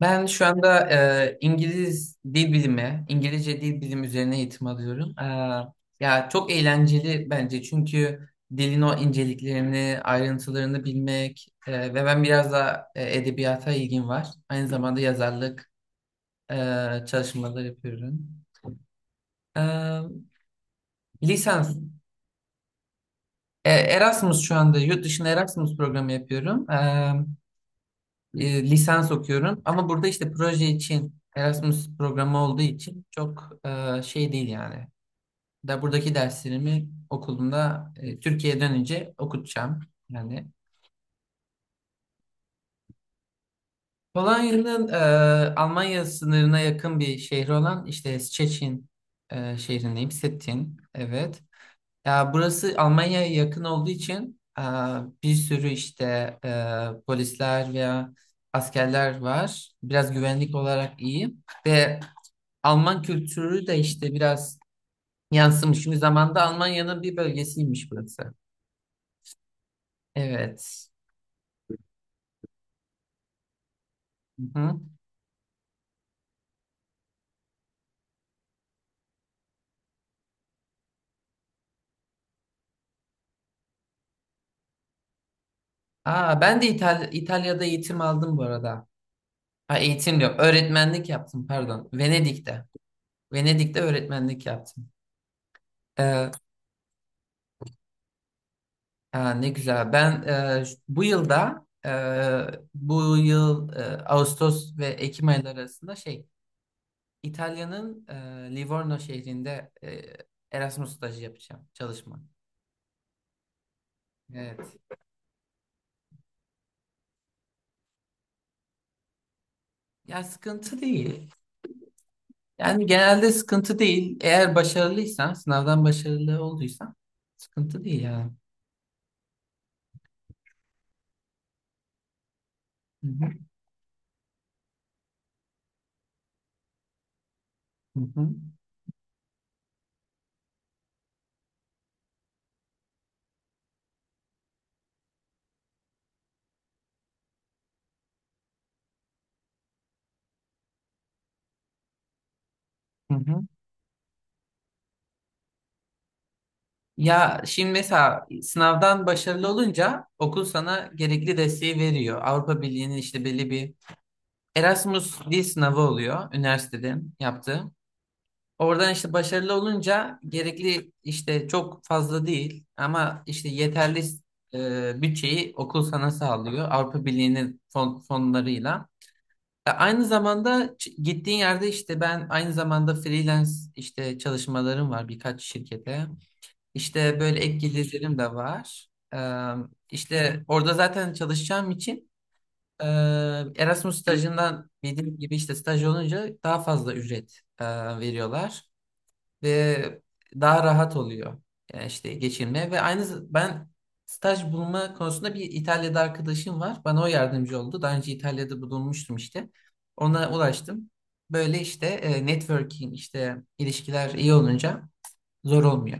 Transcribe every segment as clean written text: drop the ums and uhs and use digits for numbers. Ben şu anda İngiliz dil bilimi, İngilizce dil bilimi üzerine eğitim alıyorum. Ya çok eğlenceli bence çünkü dilin o inceliklerini, ayrıntılarını bilmek ve ben biraz da edebiyata ilgim var. Aynı zamanda yazarlık e, çalışmaları yapıyorum. E, Lisans, Erasmus şu anda yurt dışında Erasmus programı yapıyorum. Lisans okuyorum ama burada işte proje için Erasmus programı olduğu için çok şey değil yani. Da buradaki derslerimi okulumda Türkiye'ye dönünce okutacağım yani. Polonya'nın Almanya sınırına yakın bir şehri olan işte Szczecin şehrindeyim. Stettin, evet. Ya burası Almanya'ya yakın olduğu için bir sürü işte polisler veya askerler var. Biraz güvenlik olarak iyi. Ve Alman kültürü de işte biraz yansımış. Çünkü zamanda Almanya'nın bir bölgesiymiş burası. Evet. Hı hı. Aa, ben de İtalya'da eğitim aldım bu arada. Ha, eğitim yok. Öğretmenlik yaptım pardon. Venedik'te. Venedik'te öğretmenlik yaptım. Ee, Aa, ne güzel. Ben bu yılda bu yıl Ağustos ve Ekim ayları arasında şey İtalya'nın Livorno şehrinde Erasmus stajı yapacağım. Çalışma. Evet. Ya sıkıntı değil. Yani genelde sıkıntı değil. Eğer başarılıysan, sınavdan başarılı olduysan sıkıntı değil yani. Hı hı, hı hı, hı hı. Ya şimdi mesela sınavdan başarılı olunca okul sana gerekli desteği veriyor. Avrupa Birliği'nin işte belli bir Erasmus dil sınavı oluyor üniversitede yaptığı. Oradan işte başarılı olunca gerekli işte çok fazla değil ama işte yeterli bütçeyi okul sana sağlıyor Avrupa Birliği'nin fonlarıyla. Aynı zamanda gittiğin yerde işte ben aynı zamanda freelance işte çalışmalarım var birkaç şirkete. İşte böyle ek gelirlerim de var. E, işte orada zaten çalışacağım için e, Erasmus stajından bildiğim gibi işte staj olunca daha fazla ücret veriyorlar ve daha rahat oluyor. Yani işte geçinme ve aynı ben staj bulma konusunda bir İtalya'da arkadaşım var. Bana o yardımcı oldu. Daha önce İtalya'da bulunmuştum işte. Ona ulaştım. Böyle işte networking işte ilişkiler iyi olunca zor olmuyor.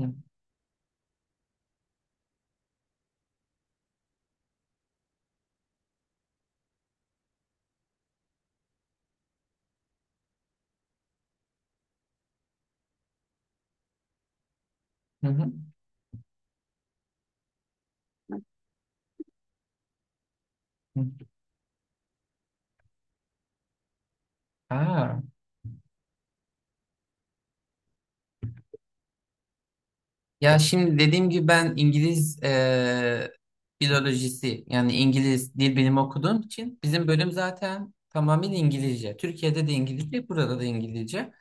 Hı hı. Hı. Hı. Aa, ya şimdi dediğim gibi ben İngiliz filolojisi yani İngiliz dil bilimi okuduğum için bizim bölüm zaten tamamıyla İngilizce. Türkiye'de de İngilizce, burada da İngilizce.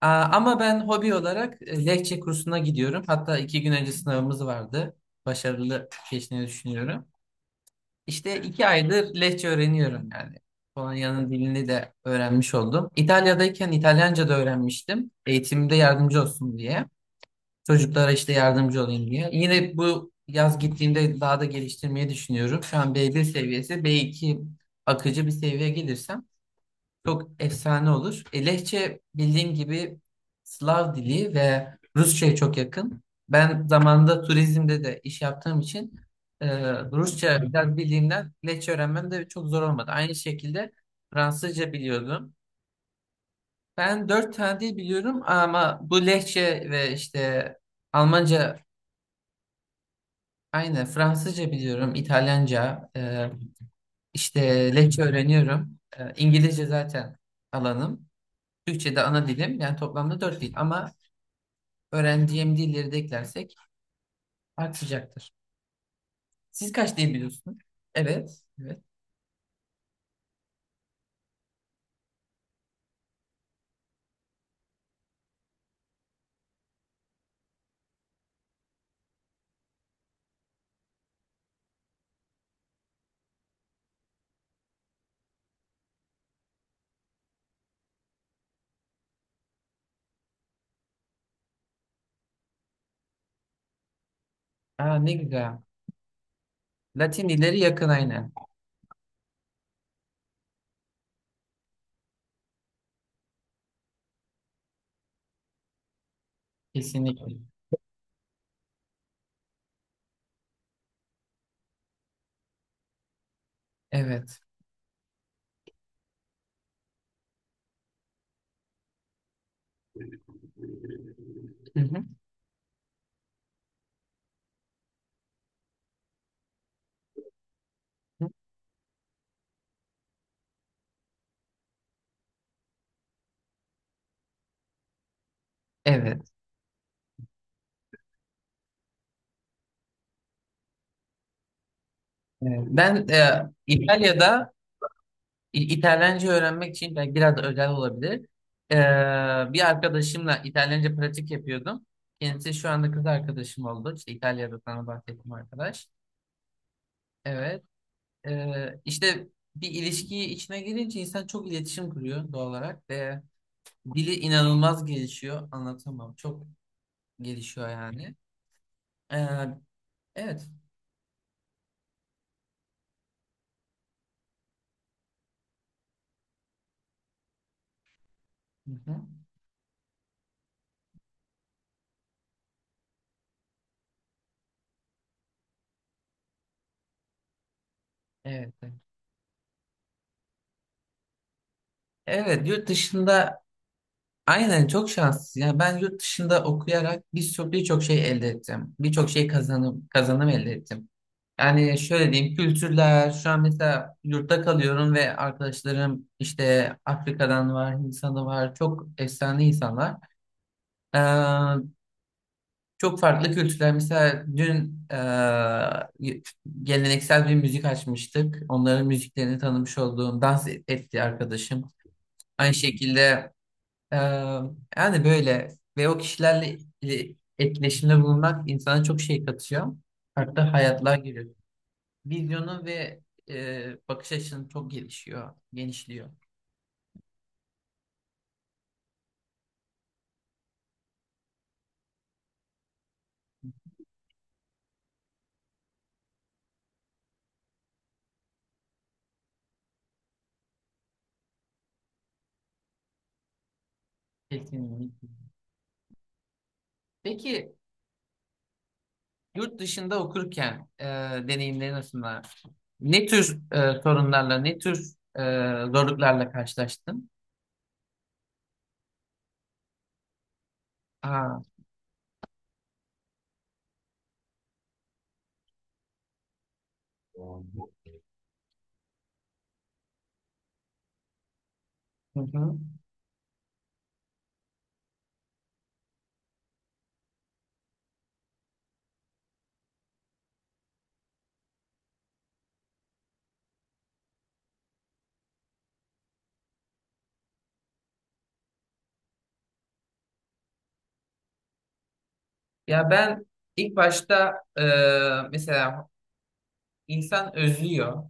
Aa, ama ben hobi olarak Lehçe kursuna gidiyorum. Hatta iki gün önce sınavımız vardı. Başarılı geçtiğini düşünüyorum. İşte iki aydır Lehçe öğreniyorum yani. Polonya'nın dilini de öğrenmiş oldum. İtalya'dayken İtalyanca da öğrenmiştim. Eğitimde yardımcı olsun diye. Çocuklara işte yardımcı olayım diye. Yine bu yaz gittiğimde daha da geliştirmeyi düşünüyorum. Şu an B1 seviyesi, B2 akıcı bir seviyeye gelirsem çok efsane olur. E, Lehçe bildiğin gibi Slav dili ve Rusça'ya çok yakın. Ben zamanında turizmde de iş yaptığım için e, Rusça biraz bildiğimden Lehçe öğrenmem de çok zor olmadı. Aynı şekilde Fransızca biliyordum. Ben dört tane dil biliyorum ama bu Lehçe ve işte Almanca aynı. Fransızca biliyorum, İtalyanca, işte Lehçe öğreniyorum. E, İngilizce zaten alanım. Türkçe de ana dilim yani toplamda 4 dil ama öğrendiğim dilleri de eklersek artacaktır. Siz kaç dil biliyorsunuz? Evet. Evet. Aa, ne güzel. Latin dilleri yakın aynen. Kesinlikle. Evet. Hı. Hı. Evet. Evet. Ben İtalya'da İtalyanca öğrenmek için belki biraz da özel olabilir. E, Bir arkadaşımla İtalyanca pratik yapıyordum. Kendisi şu anda kız arkadaşım oldu. İşte İtalya'da sana bahsettiğim arkadaş. Evet. İşte bir ilişkiyi içine girince insan çok iletişim kuruyor doğal olarak ve dili inanılmaz gelişiyor. Anlatamam. Çok gelişiyor yani. Ee, evet. Hı hı. Evet. Evet, evet, yurt dışında aynen çok şanssız. Yani ben yurt dışında okuyarak birçok şey elde ettim. Birçok şey kazanım elde ettim. Yani şöyle diyeyim kültürler şu an mesela yurtta kalıyorum ve arkadaşlarım işte Afrika'dan var, Hindistan'da var. Çok efsane insanlar. Eee, Çok farklı kültürler. Mesela dün geleneksel bir müzik açmıştık. Onların müziklerini tanımış olduğum dans etti arkadaşım. Aynı şekilde eee, yani böyle ve o kişilerle etkileşimde bulunmak insana çok şey katıyor. Farklı hayatlar giriyor. Vizyonu ve bakış açını çok gelişiyor, genişliyor. Kesinlikle. Peki yurt dışında okurken deneyimlerin arasında ne tür sorunlarla, ne tür zorluklarla karşılaştın? Aa, hı hı. Ya ben ilk başta mesela insan özlüyor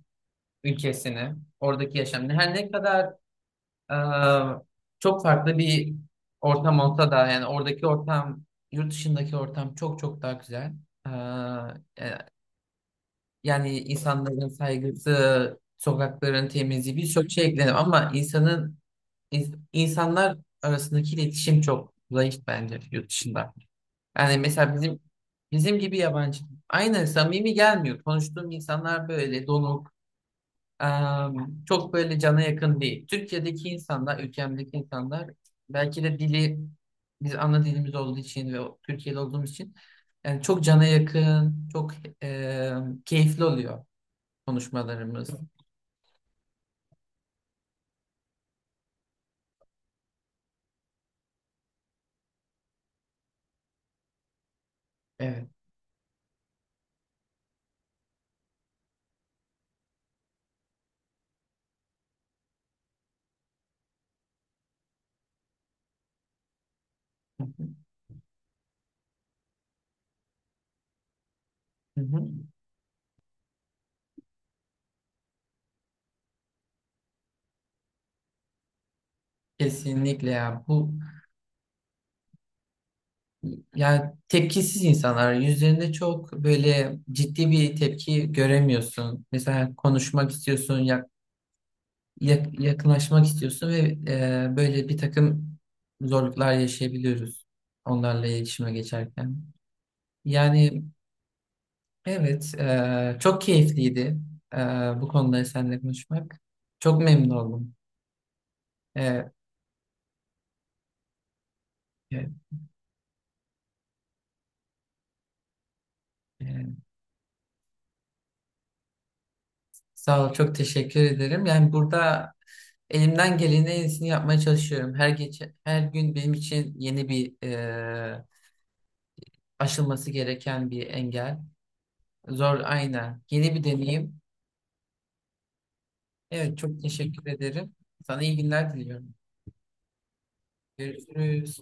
ülkesini, oradaki yaşamını. Her ne kadar Ee, çok farklı bir ortam olsa da yani oradaki yurt dışındaki ortam çok çok daha güzel. Ee, e, Yani insanların saygısı, sokakların temizliği birçok şey eklenir ama insanın insanlar arasındaki iletişim çok zayıf bence yurt dışında. Yani mesela bizim gibi yabancı aynı samimi gelmiyor. Konuştuğum insanlar böyle donuk, çok böyle cana yakın değil. Türkiye'deki insanlar, ülkemdeki insanlar belki de dili biz ana dilimiz olduğu için ve Türkiye'de olduğumuz için yani çok cana yakın, çok keyifli oluyor konuşmalarımız. Evet. Hı hı. Hı hı. Kesinlikle ya. Yani tepkisiz insanlar yüzlerinde çok böyle ciddi bir tepki göremiyorsun. Mesela konuşmak istiyorsun, yakınlaşmak istiyorsun ve böyle bir takım zorluklar yaşayabiliyoruz onlarla iletişime geçerken. Yani evet, çok keyifliydi e, bu konuları seninle konuşmak. Çok memnun oldum. E, e, e, Sağ ol, çok teşekkür ederim. Yani burada elimden gelenin en iyisini yapmaya çalışıyorum. Her geçen, her gün benim için yeni bir aşılması gereken bir engel. Zor aynen. Yeni bir deneyim. Evet çok teşekkür ederim. Sana iyi günler diliyorum. Görüşürüz.